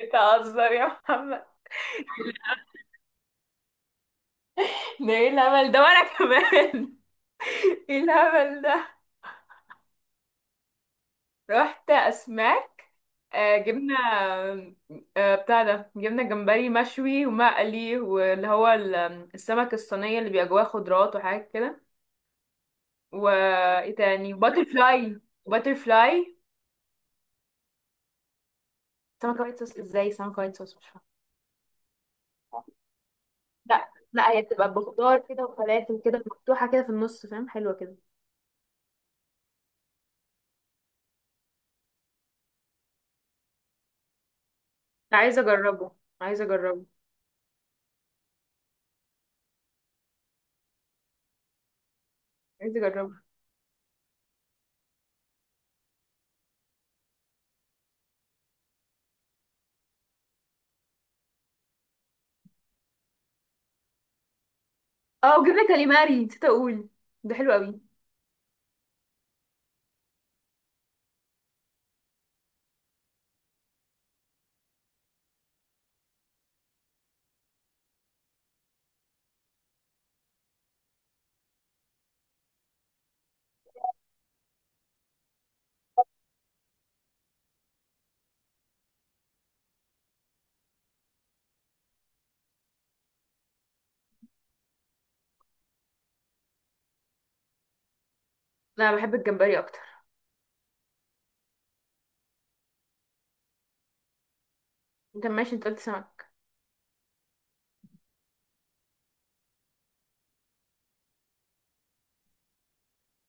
بتهزر يا محمد؟ ده ايه الهبل ده وانا كمان. ايه الهبل ده؟ رحت اسماك. آه، جبنا آه، بتاع ده، جبنا جمبري مشوي ومقلي، واللي هو السمك الصينية اللي بيبقى جواه خضروات وحاجات كده. وايه تاني؟ باتر فلاي باتر فلاي. سمكة وايت صوص ازاي؟ سمكة وايت صوص مش فاهمة. لا لا، هي بتبقى بخضار كده وفلافل كده، مفتوحة كده في النص، فاهم، حلوة كده. عايزة اجربه عايزة اجربه عايزة اجربه. اه، وجبنة كاليماري نسيت اقول، ده حلو قوي. لا، بحب الجمبري اكتر. انت ماشي، انت قلت سمك.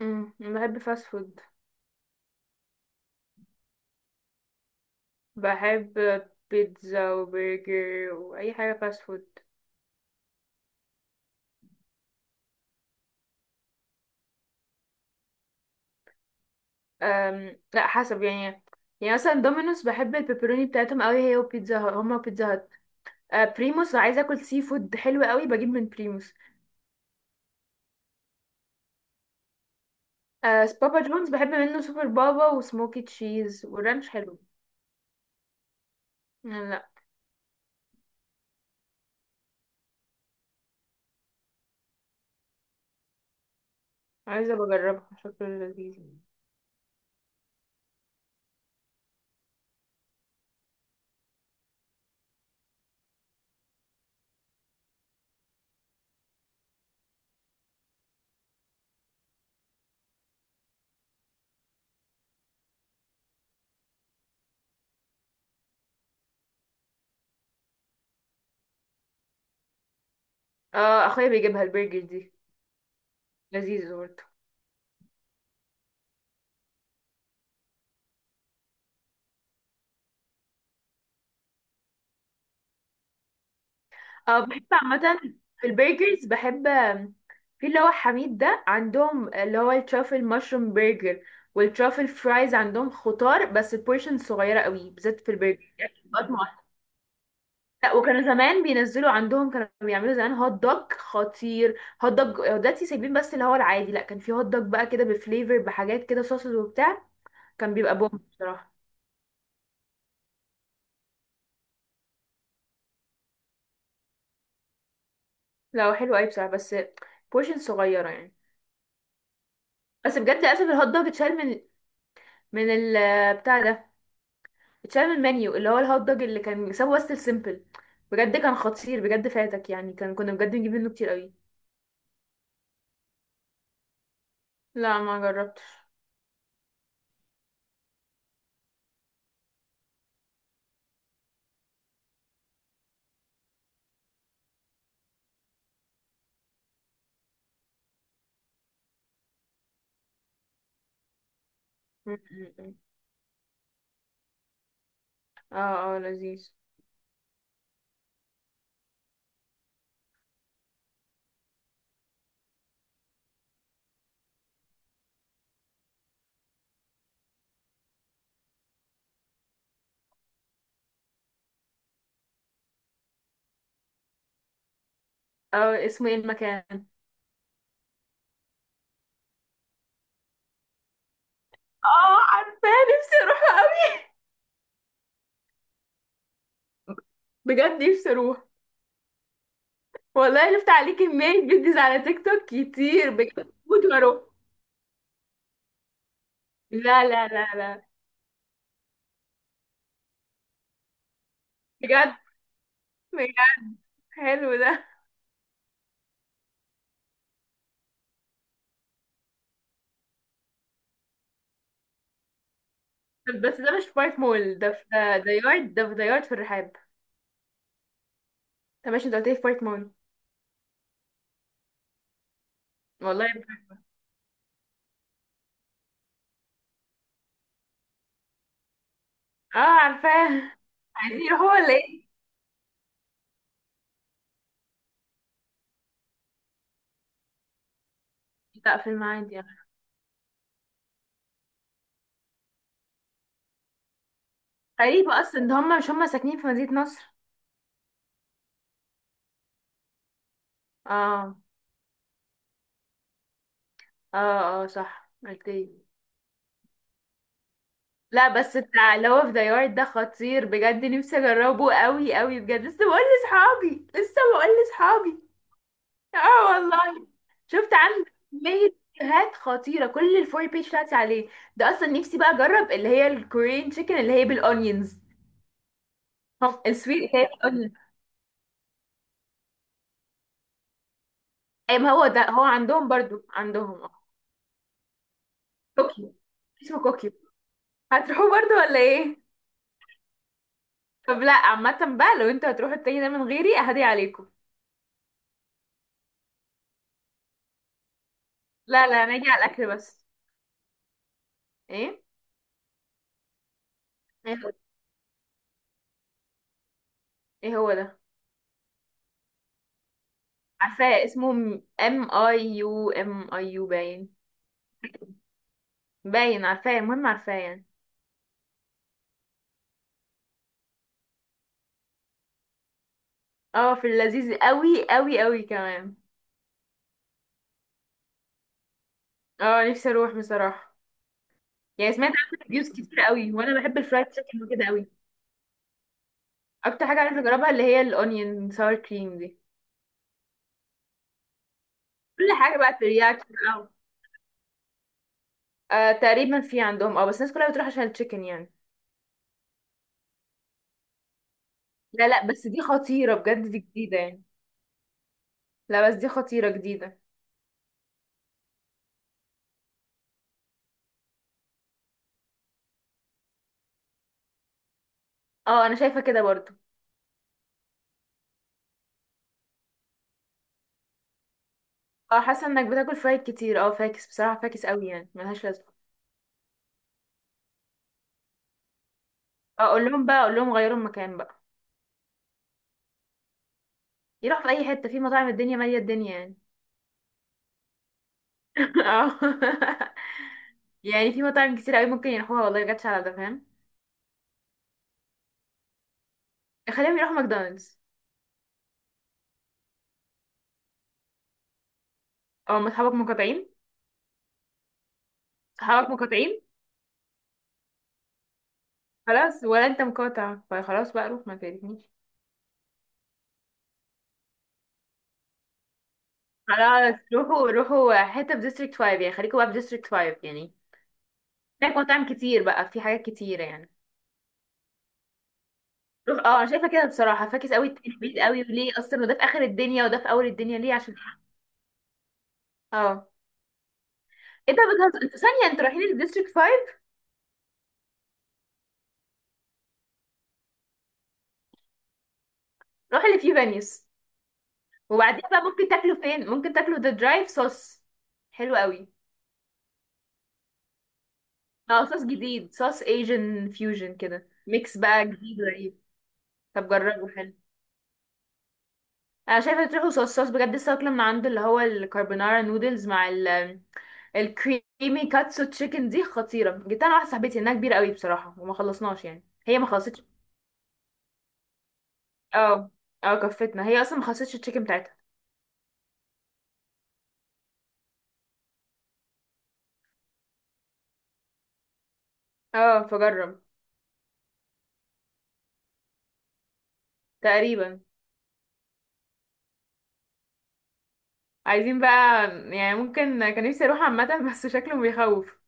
امم، بحب فاست فود. بحب بيتزا وبرجر واي حاجه فاست فود. لا، حسب يعني. يعني مثلا دومينوس بحب البيبروني بتاعتهم قوي، هي وبيتزا هات، هما وبيتزا هات. أه، بريموس لو عايزه اكل سي فود حلو قوي بجيب من بريموس. أه، بابا جونز بحب منه سوبر بابا وسموكي تشيز، والرانش حلو. لا. عايزه بجربها، شكله لذيذ. اه، اخويا بيجيبها البرجر دي. لذيذ برضه. اه، بحب عامة. في البرجرز بحب في اللي هو حميد ده، عندهم اللي هو الترافل مشروم برجر والترافل فرايز. عندهم خضار بس، بورشن صغيرة قوي بالذات في البرجر، يعني طبقات معينة. لا وكانوا زمان بينزلوا عندهم، كانوا بيعملوا زمان هوت دوج خطير. هوت دوج، آه، دلوقتي سايبين بس اللي هو العادي. لا، كان في هوت دوج بقى كده بفليفر، بحاجات كده، صوصز وبتاع، كان بيبقى بوم بصراحة. لا هو حلو قوي بصراحة، بس بورشن صغيرة يعني. بس بجد، للاسف، الهوت دوج اتشال من بتاع ده، اتشال من المنيو، اللي هو الهوت دوج اللي كان سابه بس السيمبل. بجد كان خطير، بجد فاتك يعني، كان كنا بجد بنجيب منه كتير قوي. لا ما جربتش. م- م- م. اه اه، لذيذ. اه، اسمه ايه المكان؟ اه، عارفاه. نفسي اروح قوي. بجد نفسي اروح. والله لفت عليه كمية فيديوز على تيك توك كتير، بجد موت واروح. لا لا لا لا. بجد. بجد. حلو ده. طب بس ده مش في بايت مول، ده في ده يارد. ده في ده يارد في الرحاب. طب ماشي، انت قلت لي في بايت مول. والله. اه، عارفاه. عايزين يروحوا ولا ايه؟ لا في المعادي يعني. غريبة اصلا، ده هم مش هم ساكنين في مدينة نصر. اه. اه اه صح، اوكي. لا بس بتاع اللي هو في ديار ده خطير بجد، نفسي اجربه قوي قوي بجد، لسه بقول لاصحابي. اه والله. شفت عنده كمية فيديوهات خطيرة، كل الفور بيج بتاعتي عليه. ده اصلا نفسي بقى اجرب اللي هي الكورين تشيكن اللي هي بالاونيونز. السويت اللي هي بالاونيونز. اي ما هو ده هو عندهم برضو، عندهم. طوكيو. اسمه طوكيو. هتروحوا برضو ولا ايه؟ طب لا، عامة بقى، لو انتوا هتروحوا التاني ده من غيري اهدي عليكم. لا لا، هنيجي على الاكل بس. ايه؟ ايه هو؟ إيه هو ده؟ عارفاه اسمه ام اي يو، ام اي يو باين. باين، عارفاه، المهم عارفاه يعني. اه، في اللذيذ قوي قوي قوي كمان. اه، نفسي اروح بصراحة. يعني سمعت عنه ريفيوز كتير قوي، وانا بحب الفرايد تشيكن وكده قوي. اكتر حاجة عايزة اجربها اللي هي الاونيون ساور كريم دي. كل حاجة بقى، ترياكي، آه، تقريبا في عندهم. اه بس الناس كلها بتروح عشان التشيكن يعني. لا لا، بس دي خطيرة بجد، دي جديدة يعني. لا بس دي خطيرة جديدة. اه، انا شايفة كده برضو. اه، حاسة انك بتاكل فايك كتير. اه فاكس بصراحة، فاكس قوي يعني ملهاش لازمة. اه، اقول لهم بقى، اقول لهم غيروا المكان بقى. يروحوا في اي حتة، في مطاعم الدنيا مالية الدنيا يعني. اه. يعني في مطاعم كتير قوي ممكن يروحوها، والله جاتش على ده، فاهم. خليهم يروحوا ماكدونالدز. اه، ما اصحابك مقاطعين. اصحابك مقاطعين. خلاص ولا انت مقاطع، فخلاص بقى، روح ما تقرفنيش. خلاص روحوا، روحوا حتة في ديستريكت 5 يعني، خليكوا بقى في ديستريكت 5 يعني. هناك مطاعم كتير بقى، في حاجات كتيرة يعني. روح اه، انا شايفة كده بصراحة، فاكس قوي التحديد قوي، وليه اصلا، وده في اخر الدنيا وده في اول الدنيا، ليه؟ عشان اه. انت بتهزر، انتوا ثانية انتوا رايحين الديستريكت 5؟ روحوا اللي فيه فانيوس. وبعدين بقى ممكن تاكلوا فين؟ ممكن تاكلوا ذا درايف صوص، حلو قوي. اه، صوص جديد، صوص ايجن فيوجن كده، ميكس بقى جديد غريب. طب جربوا، حلو. انا شايفه تروحوا صوصات بجد. السمك لما عنده اللي هو الكاربونارا نودلز مع ال الكريمي كاتسو تشيكن دي خطيره. جبت انا واحده صاحبتي، انها كبيره قوي بصراحه وما خلصناش يعني، هي ما خلصتش. اه. اه، كفتنا، هي اصلا ما خلصتش التشيكن بتاعتها. اه فجرب. تقريبا. عايزين بقى. يعني ممكن، كان نفسي اروح عامه، بس شكله بيخوف.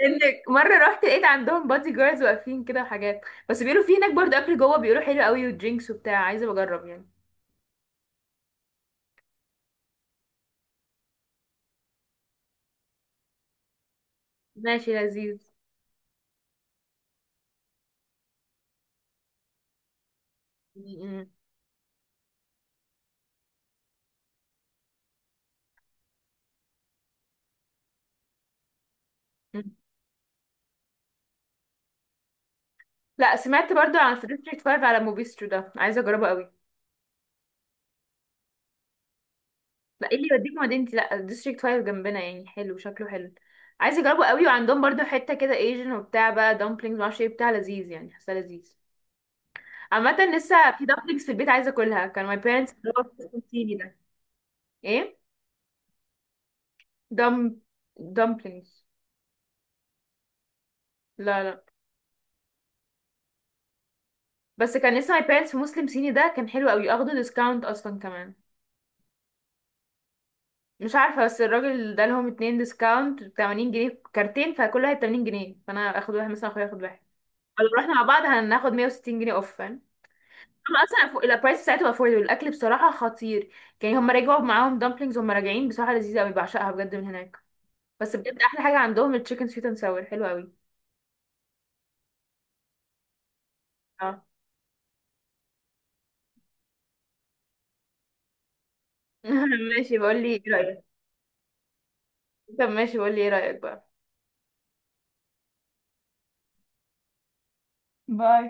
انك مره رحت لقيت عندهم بادي جاردز واقفين كده وحاجات. بس بيقولوا في هناك برضه اكل جوه، بيقولوا حلو قوي ودرينكس وبتاع، عايزه بجرب يعني. ماشي لذيذ. م- م. لا، سمعت برضو عن في ديستريكت 5 على موبيسترو ده، عايزه اجربه قوي. لا، ايه اللي يوديك مدينتي؟ لا ديستريكت 5 جنبنا يعني، حلو، شكله حلو. عايزه اجربه قوي، وعندهم برضو حته كده ايجن وبتاع بقى، دامبلينجز، معرفش ايه بتاع، لذيذ يعني، حاسه لذيذ. عامه لسه في دامبلينجز في البيت، عايزه اكلها، كان ماي بيرنتس اللي هو في سيني ده. ايه. دم، دامبلينجز. لا لا. بس كان لسه ماي بيرنتس في مسلم صيني ده، كان حلو قوي، اخده ديسكاونت اصلا كمان. مش عارفة، بس الراجل ده لهم اتنين ديسكاونت 80 جنيه كارتين، فكل واحد 80 جنيه، فانا اخد واحد مثلا، اخويا ياخد واحد. فلو رحنا مع بعض هناخد 160 جنيه اوف، فاهم. هما اصلا البرايس بتاعتهم افوردبل، الاكل بصراحة خطير. يعني هما رجعوا معاهم دامبلينجز، هما راجعين بصراحة لذيذة قوي، بعشقها بجد من هناك. بس بجد احلى حاجة عندهم التشيكن سويت اند ساور، حلو قوي. اه. ماشي، بقول لي ايه رأيك. طب ماشي، بقول لي ايه رأيك بقى. باي.